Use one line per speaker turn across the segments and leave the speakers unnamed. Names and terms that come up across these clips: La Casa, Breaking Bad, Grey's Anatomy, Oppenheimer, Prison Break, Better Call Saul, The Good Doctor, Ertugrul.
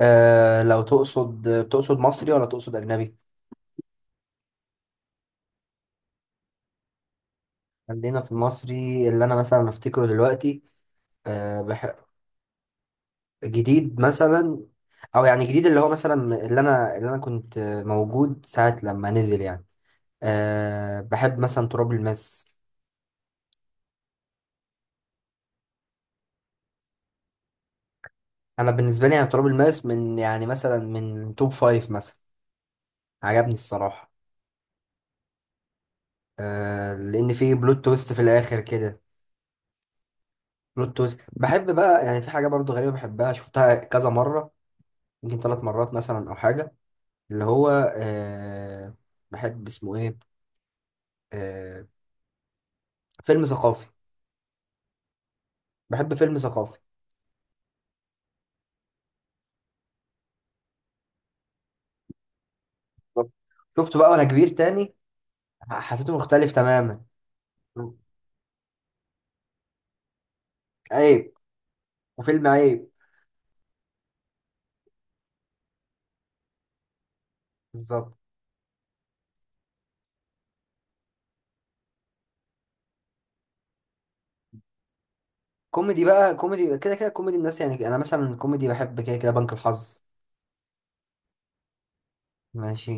لو تقصد مصري ولا تقصد أجنبي؟ خلينا في المصري اللي أنا مثلا أفتكره دلوقتي. آه بح... جديد مثلا، أو يعني جديد اللي هو مثلا، اللي أنا كنت موجود ساعة لما نزل يعني. بحب مثلا تراب الماس. أنا بالنسبة لي يعني تراب الماس من يعني مثلا من توب فايف مثلا، عجبني الصراحة. لأن فيه بلوت تويست في الآخر كده. بلوت تويست بحب بقى، يعني في حاجة برضو غريبة بحبها، شفتها كذا مرة، يمكن 3 مرات مثلا او حاجه. اللي هو آه بحب اسمه ايه، آه فيلم ثقافي. بحب فيلم ثقافي. بالظبط. شفته بقى وانا كبير تاني، حسيته مختلف تماما. عيب وفيلم عيب. بالظبط. كوميدي بقى، كوميدي كده كده، كوميدي الناس، يعني انا مثلا كوميدي بحب كده كده بنك الحظ. ماشي.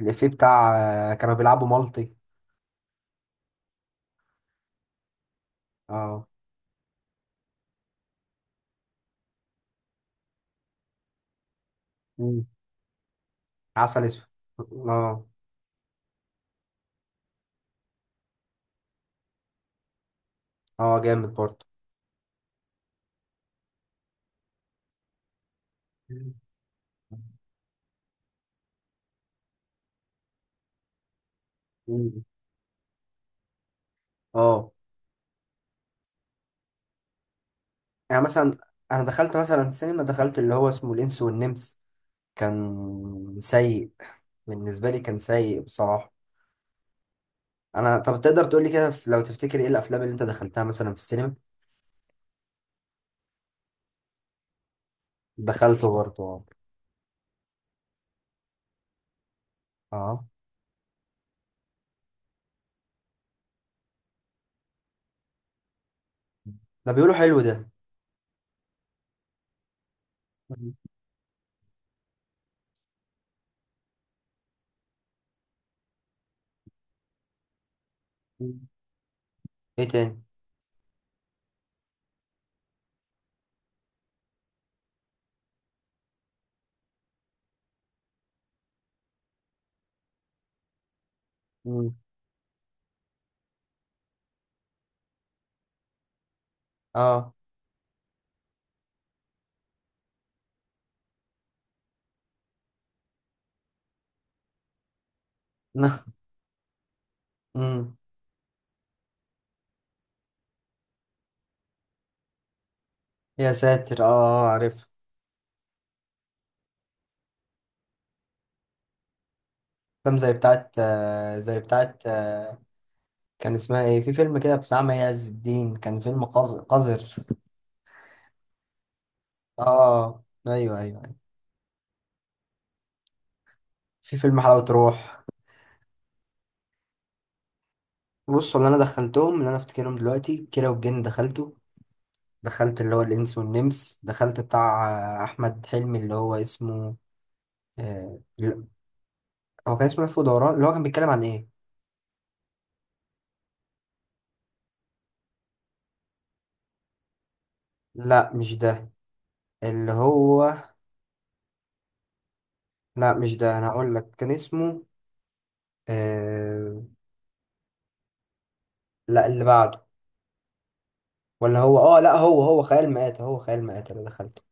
الافيه بتاع كانوا بيلعبوا مالتي. اه. مم. عسل اسود. اه، اه، جامد برضه. مم. اه. يعني مثلا، انا دخلت مثلا سينما، دخلت اللي هو اسمه الانس والنمس، كان سيء. بالنسبه لي كان سيء بصراحه. انا، طب تقدر تقول لي كده، لو تفتكر ايه الافلام اللي انت دخلتها مثلا في السينما؟ دخلته برضه، اه. اه. ده بيقولوا حلو ده. مم. مم. ايه تاني؟ مم. اه. نه. مم. يا ساتر، عارف. فيلم زي بتاعت. كان اسمها ايه؟ في فيلم كده بتاع مي عز الدين، كان فيلم قذر قذر. اه، ايوه، ايوه. في فيلم حلاوة روح. بص، اللي انا دخلتهم اللي انا افتكرهم دلوقتي: كيرة والجن دخلته، دخلت اللي هو الانس والنمس، دخلت بتاع احمد حلمي اللي هو اسمه لا، هو كان اسمه لف ودوران. اللي هو كان بيتكلم عن ايه؟ لا مش ده. اللي هو لا مش ده، انا هقول لك كان اسمه آه، لا، اللي بعده. ولا هو، لا، هو خيال مآتة، هو خيال مآتة اللي دخلته.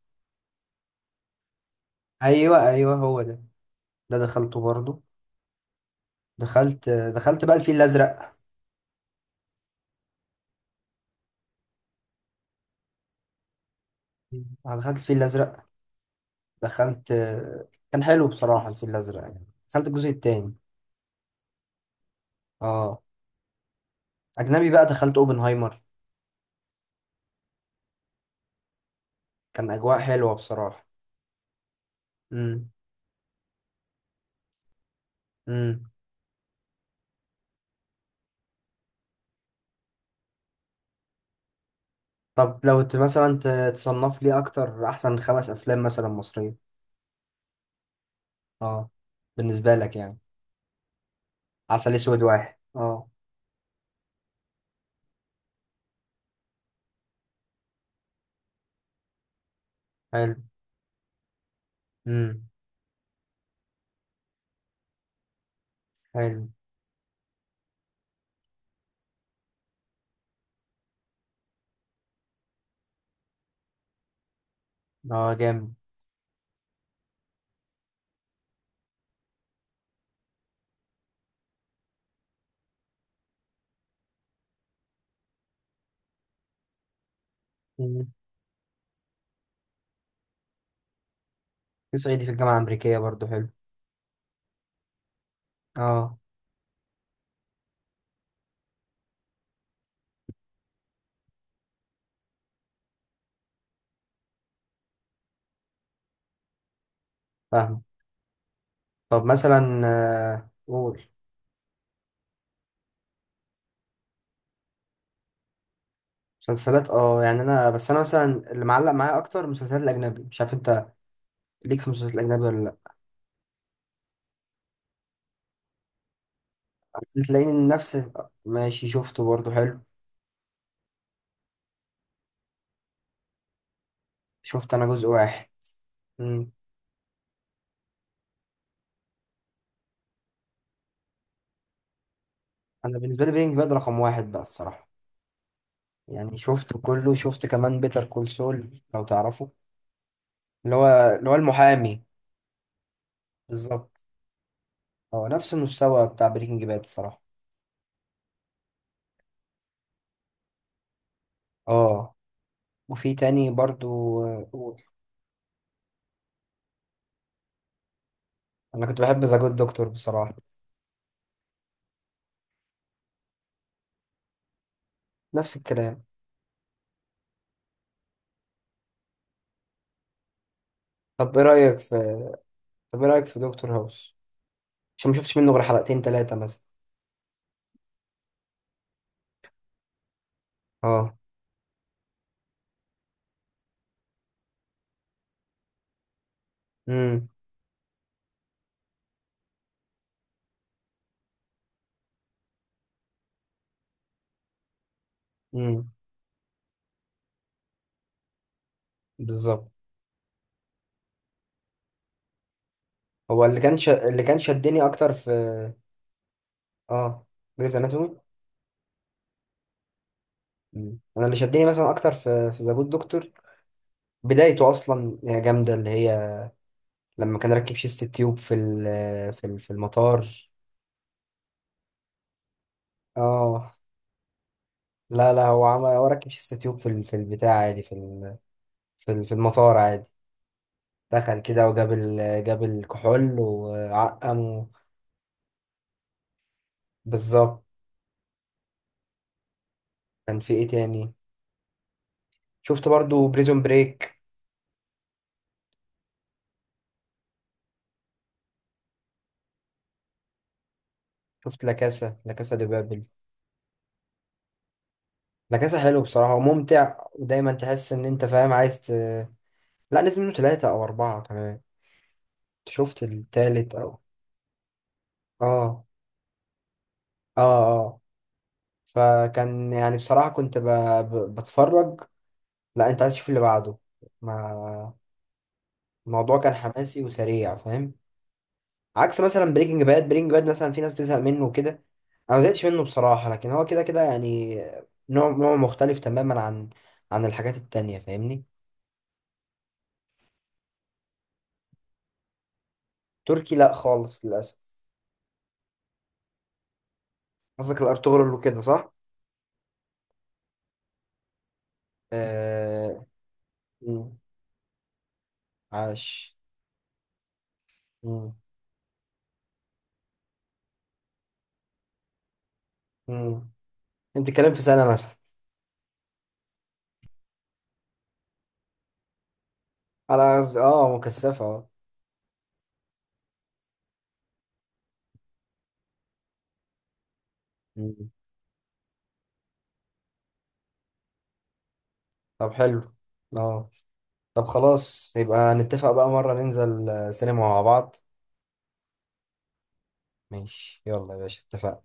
ايوه ايوه، هو ده. ده دخلته برضه. دخلت بقى الفيل الازرق. أنا دخلت الفيل الازرق، دخلت. كان حلو بصراحة الفيل الأزرق، يعني دخلت الجزء التاني. اه. أجنبي بقى، دخلت أوبنهايمر. كان أجواء حلوة بصراحة. امم، امم. طب لو مثلا تصنف لي أكتر أحسن 5 أفلام مثلا مصرية؟ اه. بالنسبة لك يعني. عسل أسود واحد، اه. حلو. امم. حلو. اه، جامد. مم. في صعيدي في الجامعة الأمريكية برضو حلو. اه. فاهم. طب مثلا، قول. مسلسلات؟ اه، يعني انا، بس انا مثلا، اللي معلق معايا اكتر المسلسلات الاجنبي، مش عارف انت ليك في المسلسلات الاجنبي ولا لا. تلاقيني نفس. ماشي، شفته برضه، حلو. شفت انا جزء واحد. امم. انا بالنسبه لي بينج باد رقم واحد بقى الصراحه. يعني شفت كله، شفت كمان بيتر كول سول، لو تعرفه، اللي هو اللي هو المحامي. بالظبط. هو نفس المستوى بتاع بريكنج باد الصراحه. اه. وفي تاني برضو. انا كنت بحب ذا جود دكتور بصراحه. نفس الكلام. طب ايه رايك في طب ايه رايك في دكتور هاوس؟ عشان ما شفتش منه غير حلقتين ثلاثة مثلا. اه. امم، امم. بالظبط. هو اللي كان شدني اكتر في، اه، جريز اناتومي. انا اللي شدني مثلا اكتر في ذا جود دكتور بدايته اصلا جامدة، اللي هي لما كان راكب شيست تيوب في المطار. اه. لا لا، هو راكب شيست تيوب في البتاع عادي، في المطار عادي. دخل كده وجاب جاب الكحول وعقم. بالظبط. كان في ايه تاني؟ شفت برضو بريزون بريك. شفت لا كاسا دي بابل. لا كاسا حلو بصراحة وممتع، ودايما تحس ان انت فاهم، عايز. لا، نزل منه ثلاثة او اربعة كمان. شفت التالت او، اه اه اه. فكان يعني بصراحة كنت بتفرج. لا، انت عايز تشوف اللي بعده، ما. الموضوع كان حماسي وسريع فاهم. عكس مثلا بريكنج باد. بريكنج باد مثلا في ناس بتزهق منه وكده. انا ما زهقتش منه بصراحه، لكن هو كده كده يعني نوع مختلف تماما عن الحاجات التانية فاهمني. تركي لا خالص للاسف. قصدك الارطغرل وكده، صح؟ آه... مم. عاش. مم. مم. انت بتتكلم في سنه مثلا. على مكثفه، اه. مم. طب حلو. اه. طب خلاص يبقى نتفق بقى مره ننزل سينما مع بعض. ماشي، يلا يا باشا، اتفقنا.